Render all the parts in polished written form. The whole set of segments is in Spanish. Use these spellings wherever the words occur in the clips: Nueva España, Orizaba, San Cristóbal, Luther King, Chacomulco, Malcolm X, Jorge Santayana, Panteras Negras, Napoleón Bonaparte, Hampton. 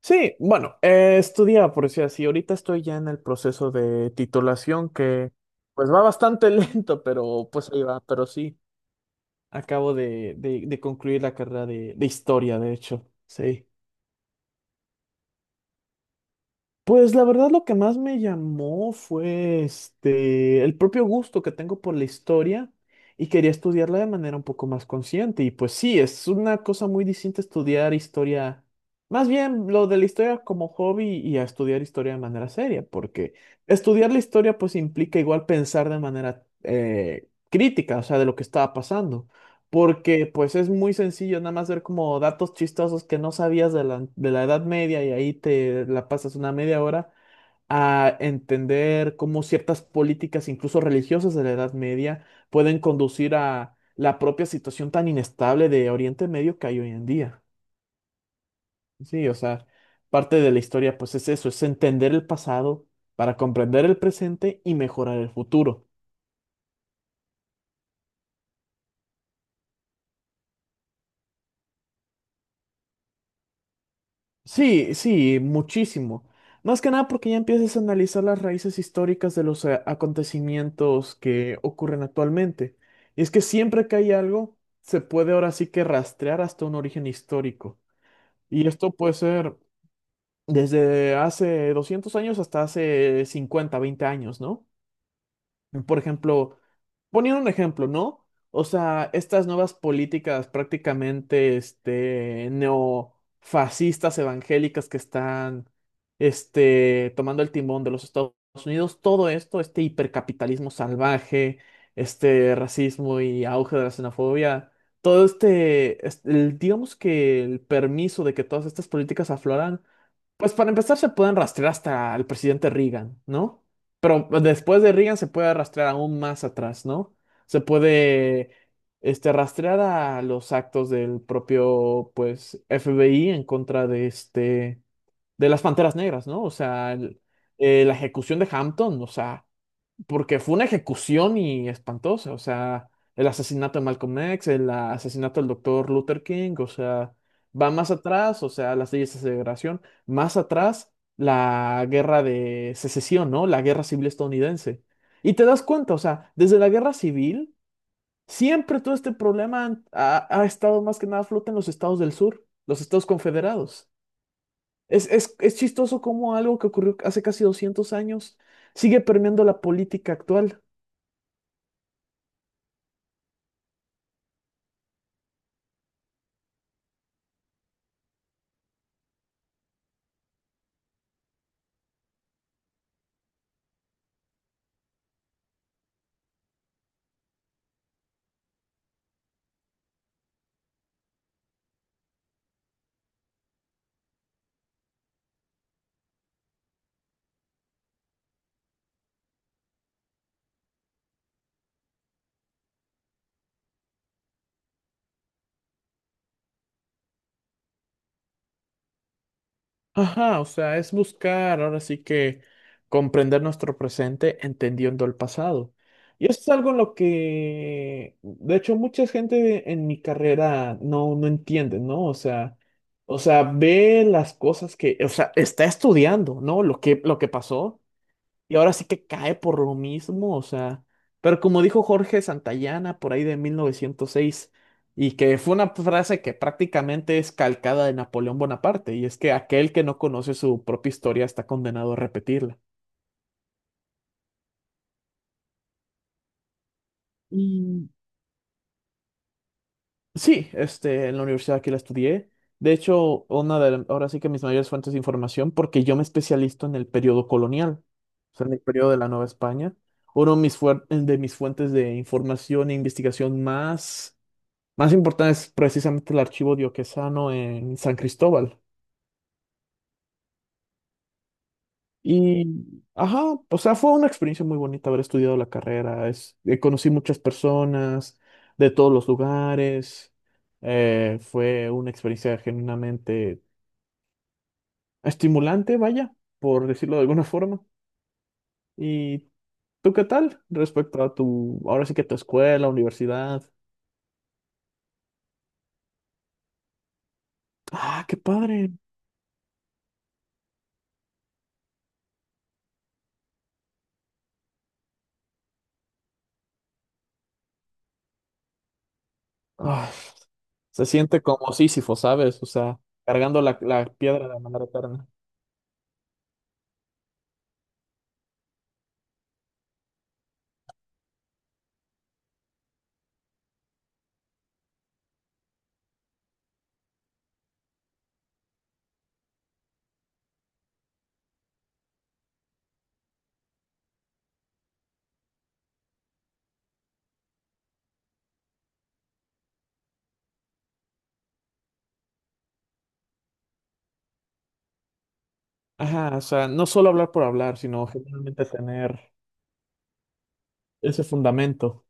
Sí, bueno, estudiaba, por decir así. Ahorita estoy ya en el proceso de titulación que pues va bastante lento, pero pues ahí va. Pero sí, acabo de concluir la carrera de historia, de hecho. Sí. Pues la verdad lo que más me llamó fue el propio gusto que tengo por la historia y quería estudiarla de manera un poco más consciente. Y pues sí, es una cosa muy distinta estudiar historia, más bien lo de la historia como hobby y a estudiar historia de manera seria, porque estudiar la historia pues implica igual pensar de manera crítica, o sea, de lo que estaba pasando. Porque pues es muy sencillo nada más ver como datos chistosos que no sabías de la Edad Media y ahí te la pasas una media hora a entender cómo ciertas políticas, incluso religiosas de la Edad Media, pueden conducir a la propia situación tan inestable de Oriente Medio que hay hoy en día. Sí, o sea, parte de la historia pues es eso, es entender el pasado para comprender el presente y mejorar el futuro. Sí, sí, muchísimo. Más que nada porque ya empiezas a analizar las raíces históricas de los acontecimientos que ocurren actualmente. Y es que siempre que hay algo, se puede ahora sí que rastrear hasta un origen histórico. Y esto puede ser desde hace 200 años hasta hace 50, 20 años, ¿no? Por ejemplo, poniendo un ejemplo, ¿no? O sea, estas nuevas políticas prácticamente neofascistas evangélicas que están tomando el timón de los Estados Unidos, todo esto, este hipercapitalismo salvaje, este racismo y auge de la xenofobia, todo digamos que el permiso de que todas estas políticas afloran pues para empezar se pueden rastrear hasta el presidente Reagan, ¿no? Pero después de Reagan se puede rastrear aún más atrás, ¿no? Se puede rastrear a los actos del propio, pues, FBI en contra de de las Panteras Negras, ¿no? O sea, la ejecución de Hampton, o sea, porque fue una ejecución y espantosa, o sea, el asesinato de Malcolm X, el asesinato del doctor Luther King, o sea, va más atrás, o sea, las leyes de segregación, más atrás la guerra de secesión, ¿no? La guerra civil estadounidense. Y te das cuenta, o sea, desde la guerra civil, siempre todo este problema ha estado más que nada a flote en los estados del sur, los estados confederados. Es chistoso cómo algo que ocurrió hace casi 200 años sigue permeando la política actual. Ajá, o sea, es buscar ahora sí que comprender nuestro presente entendiendo el pasado. Y eso es algo en lo que, de hecho, mucha gente en mi carrera no entiende, ¿no? O sea, ve las cosas que, o sea, está estudiando, ¿no? Lo que pasó, y ahora sí que cae por lo mismo, o sea, pero como dijo Jorge Santayana por ahí de 1906 y que fue una frase que prácticamente es calcada de Napoleón Bonaparte, y es que aquel que no conoce su propia historia está condenado a repetirla. Y sí, en la universidad aquí la estudié. De hecho, una de, ahora sí que mis mayores fuentes de información, porque yo me especializo en el periodo colonial, o sea, en el periodo de la Nueva España. Uno de mis, de mis fuentes de información e investigación más importante es precisamente el archivo dioquesano en San Cristóbal. Y, ajá, o sea, fue una experiencia muy bonita haber estudiado la carrera. Es, conocí muchas personas de todos los lugares. Fue una experiencia genuinamente estimulante, vaya, por decirlo de alguna forma. ¿Y tú qué tal respecto a tu, ahora sí que tu escuela, universidad? Ah, qué padre. ah, Se siente como Sísifo, ¿sabes? O sea, cargando la piedra de manera eterna. Ajá, o sea, no solo hablar por hablar, sino generalmente tener ese fundamento.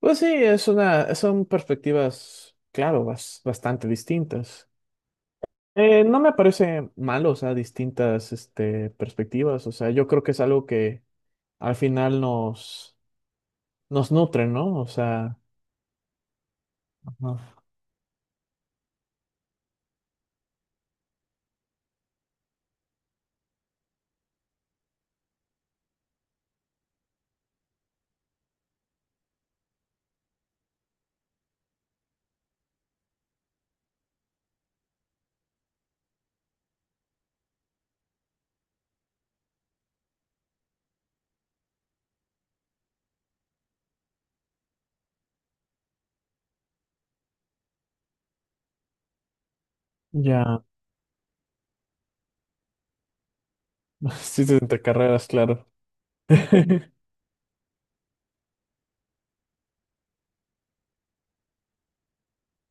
Pues sí, es una, son perspectivas, claro, bastante distintas. No me parece malo, o sea, distintas, perspectivas. O sea, yo creo que es algo que al final nos nutre, ¿no? O sea, ajá. Ya, sí, entre carreras, claro.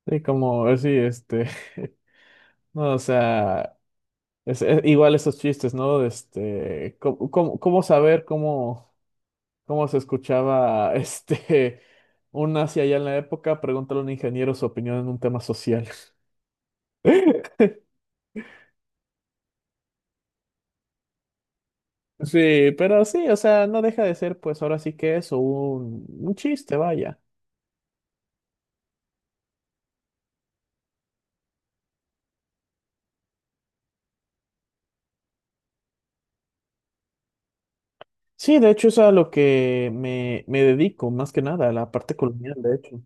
Sí, como, sí, no, o sea, es igual esos chistes, ¿no? ¿Cómo, cómo saber cómo, cómo se escuchaba, un nazi allá en la época? Pregúntale a un ingeniero su opinión en un tema social. Sí, pero sí, o sea, no deja de ser, pues ahora sí que eso, un chiste, vaya. Sí, de hecho es a lo que me dedico, más que nada, a la parte colonial, de hecho.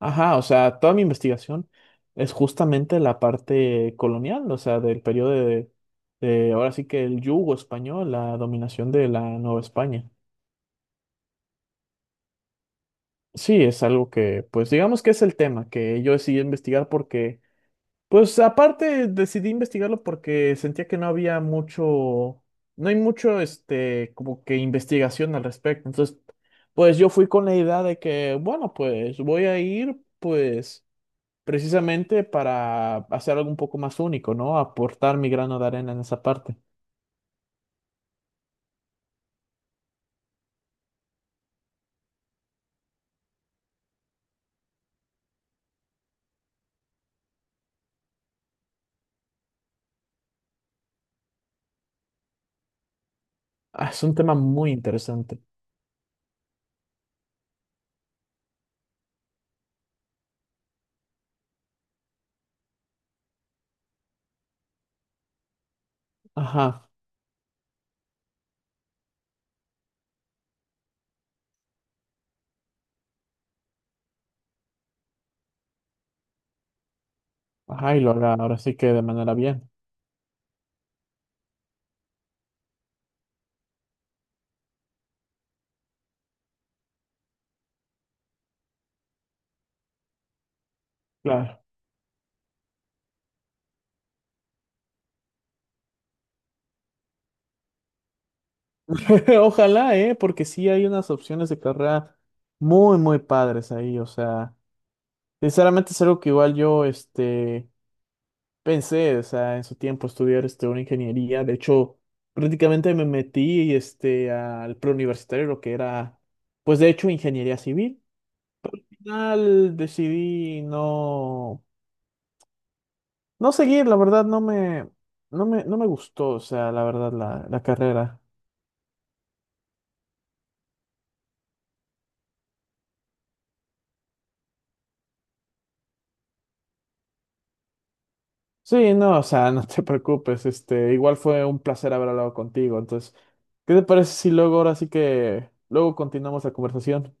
Ajá, o sea, toda mi investigación es justamente la parte colonial, o sea, del periodo de ahora sí que el yugo español, la dominación de la Nueva España. Sí, es algo que, pues digamos que es el tema que yo decidí investigar porque, pues aparte decidí investigarlo porque sentía que no había mucho, no hay mucho, como que investigación al respecto. Entonces, pues yo fui con la idea de que, bueno, pues voy a ir, pues precisamente para hacer algo un poco más único, ¿no? Aportar mi grano de arena en esa parte. Ah, es un tema muy interesante. Ajá, ajá, y lo haga ahora sí que de manera bien. Claro. Ojalá, ¿eh? Porque sí hay unas opciones de carrera muy padres ahí. O sea, sinceramente es algo que igual yo, pensé, o sea, en su tiempo estudiar, una ingeniería. De hecho, prácticamente me metí, al preuniversitario, lo que era, pues de hecho, ingeniería civil. Final decidí no, no seguir, la verdad no me, no me gustó, o sea, la verdad la carrera. Sí, no, o sea, no te preocupes, igual fue un placer haber hablado contigo, entonces, ¿qué te parece si luego ahora sí que, luego continuamos la conversación?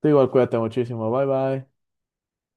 Tú igual cuídate muchísimo, bye bye.